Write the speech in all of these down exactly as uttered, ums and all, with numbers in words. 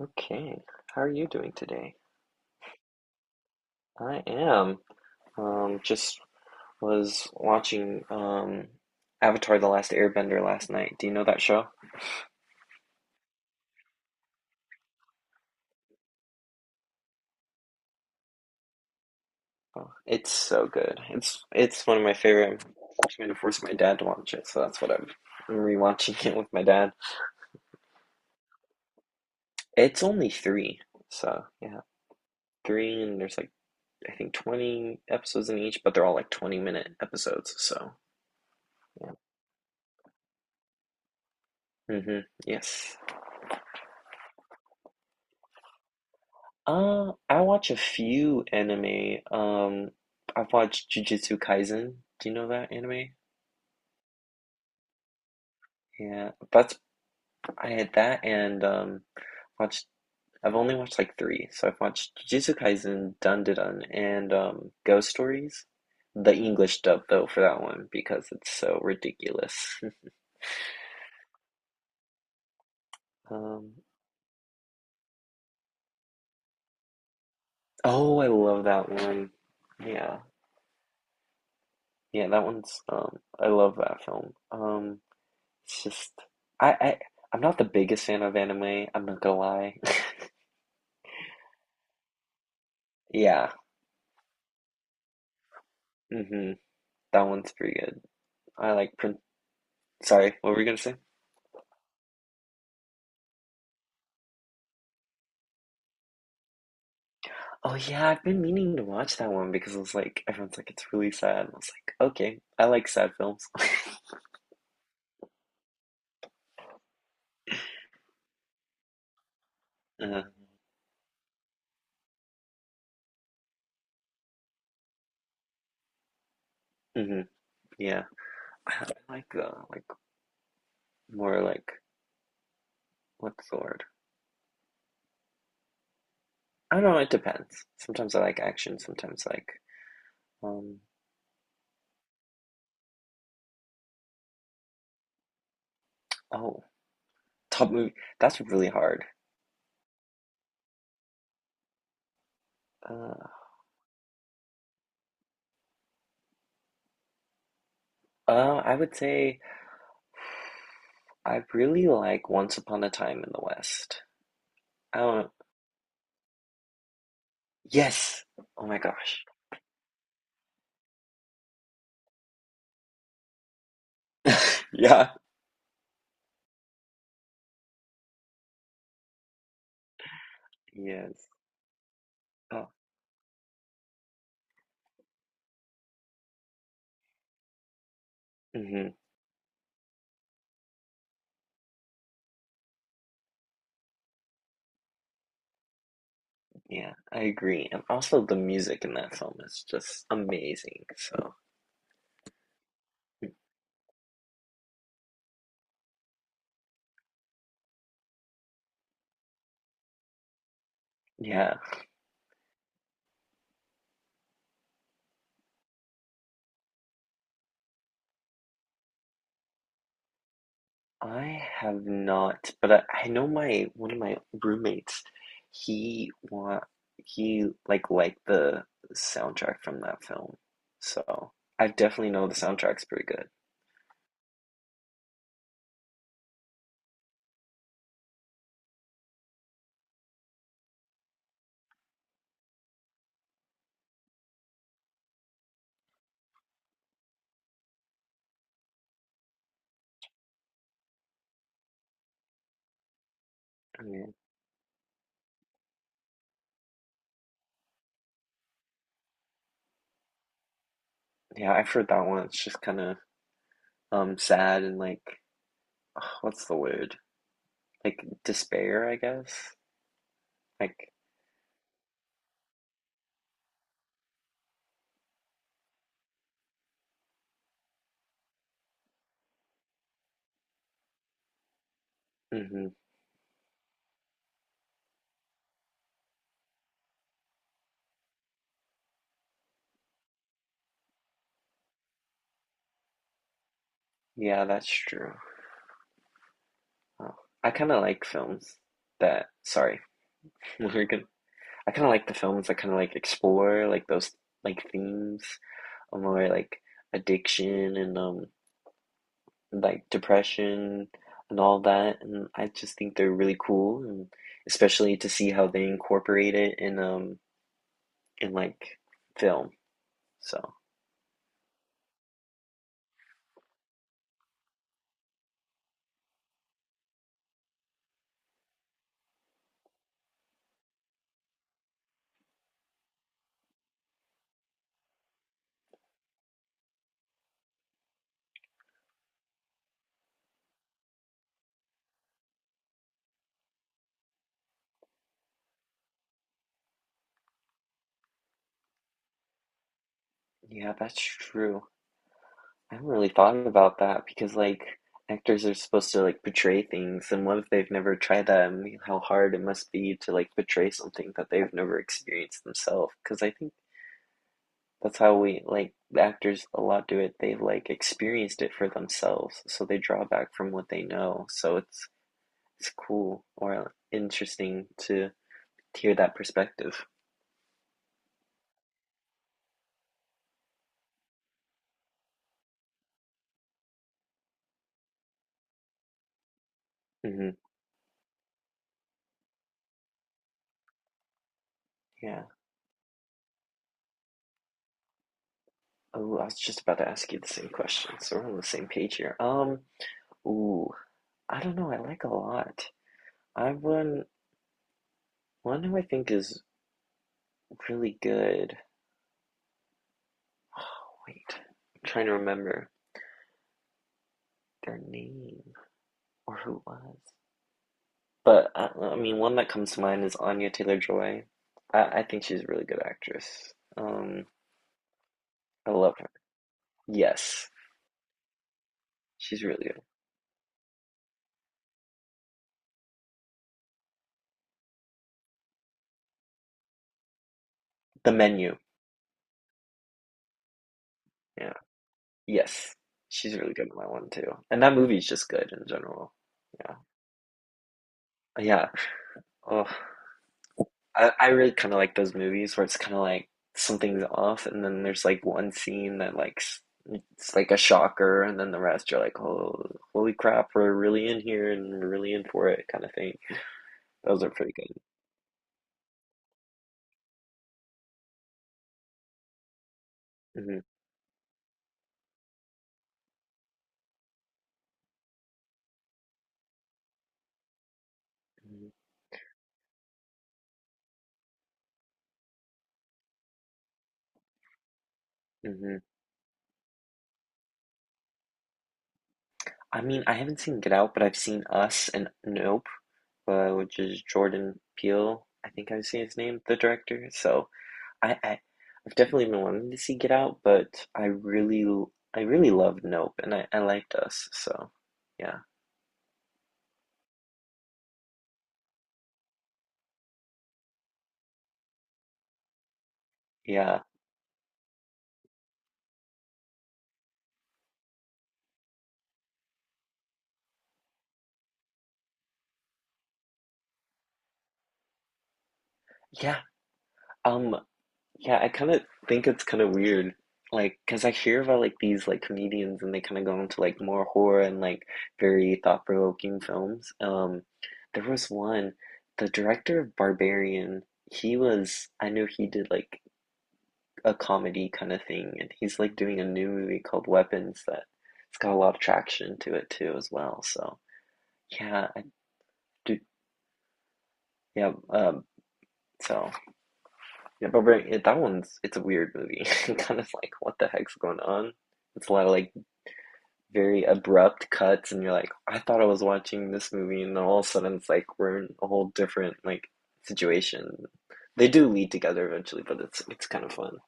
Okay, how are you doing today? I am. Um, just was watching um, Avatar: The Last Airbender last night. Do you know that show? Oh, it's so good. It's it's one of my favorite. I'm trying to force my dad to watch it, so that's what I'm, I'm rewatching it with my dad. It's only three, so yeah, three, and there's like I think twenty episodes in each, but they're all like twenty minute episodes. So yeah. Mm-hmm. Yes. Uh, I watch a few anime. Um, I've watched Jujutsu Kaisen. Do you know that anime? Yeah, that's I had that and um watched. I've only watched like three, so I've watched Jujutsu Kaisen, Dandadan, and um Ghost Stories. The English dub though for that one because it's so ridiculous. Um, oh, I love that one. Yeah, yeah, that one's um, I love that film. Um. It's just I, I I'm not the biggest fan of anime, I'm not gonna lie. Yeah. Mm-hmm. That one's pretty good. I like print Sorry, what were you gonna say? Oh yeah, I've been meaning to watch that one because it was like everyone's like it's really sad. And I was like, okay, I like sad films. Uh, hmm Yeah. I like the like more like what's the word? I don't know, it depends. Sometimes I like action, sometimes I like um oh, top movie. That's really hard. Uh, uh I would say I really like Once Upon a Time in the West. I don't Yes. Oh my gosh. Yeah. Yes. Oh. hmm Yeah, I agree. And also the music in that film is just amazing. So, yeah. I have not, but I, I know my one of my roommates, he wa he like liked the soundtrack from that film. So, I definitely know the soundtrack's pretty good. I mean, yeah, I've heard that one. It's just kind of um sad and like what's the word? Like despair, I guess. Like, hmm yeah, that's true. Oh, I kind of like films that. Sorry, we're good. I kind of like the films that kind of like explore like those like themes of more like addiction and um like depression and all that. And I just think they're really cool, and especially to see how they incorporate it in um in like film. So yeah, that's true. I haven't really thought about that because like actors are supposed to like portray things, and what if they've never tried that and how hard it must be to like portray something that they've never experienced themselves? Because I think that's how we like the actors a lot do it. They've like experienced it for themselves, so they draw back from what they know. So it's it's cool or interesting to hear that perspective. hmm Yeah. Oh, I was just about to ask you the same question, so we're on the same page here. Um, ooh. I don't know, I like a lot. I one One who I think is really good. Oh, wait, I'm trying to remember their name or who it was. But I, I mean, one that comes to mind is Anya Taylor-Joy. I, I think she's a really good actress. Um, I love her. Yes, she's really good. The Menu. Yeah. Yes, she's really good in that one too. And that movie's just good in general. Yeah. Yeah. Oh. I, I really kind of like those movies where it's kind of like something's off, and then there's like one scene that like it's like a shocker, and then the rest you're like, oh, holy crap, we're really in here and we're really in for it, kind of thing. Those are pretty good. hmm hmm I mean, I haven't seen Get Out, but I've seen Us and Nope, uh, which is Jordan Peele. I think I've seen his name, the director. So I, I I've definitely been wanting to see Get Out, but I really I really loved Nope, and I I liked Us, so yeah. Yeah. Yeah. Um, yeah, I kind of think it's kind of weird. Like, cause I hear about like these like comedians and they kind of go into like more horror and like very thought-provoking films. Um, there was one, the director of Barbarian, he was, I know he did like a comedy kind of thing, and he's like doing a new movie called Weapons that it's got a lot of traction to it too as well. So, yeah, I do, yeah, um, so. Yeah, but right, yeah, that one's it's a weird movie. Kind of like, what the heck's going on? It's a lot of like very abrupt cuts, and you're like, I thought I was watching this movie, and then all of a sudden it's like we're in a whole different like situation. They do lead together eventually, but it's it's kind of fun.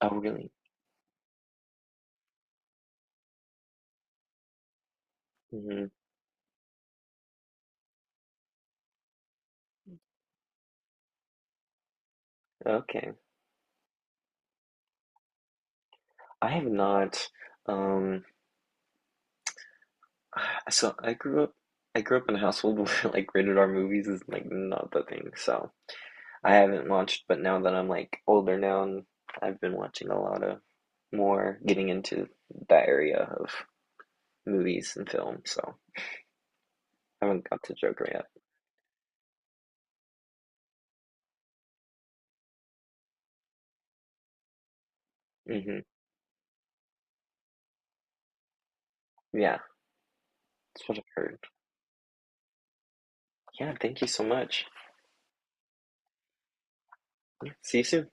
Oh, really? hmm Okay. I have not. Um, so I grew up. I grew up in a household where like rated R movies is like not the thing. So I haven't watched, but now that I'm like older now and I've been watching a lot of more getting into that area of movies and film, so I haven't got to Joker yet. hmm Yeah, that's what I've heard. Yeah, thank you so much. See you soon.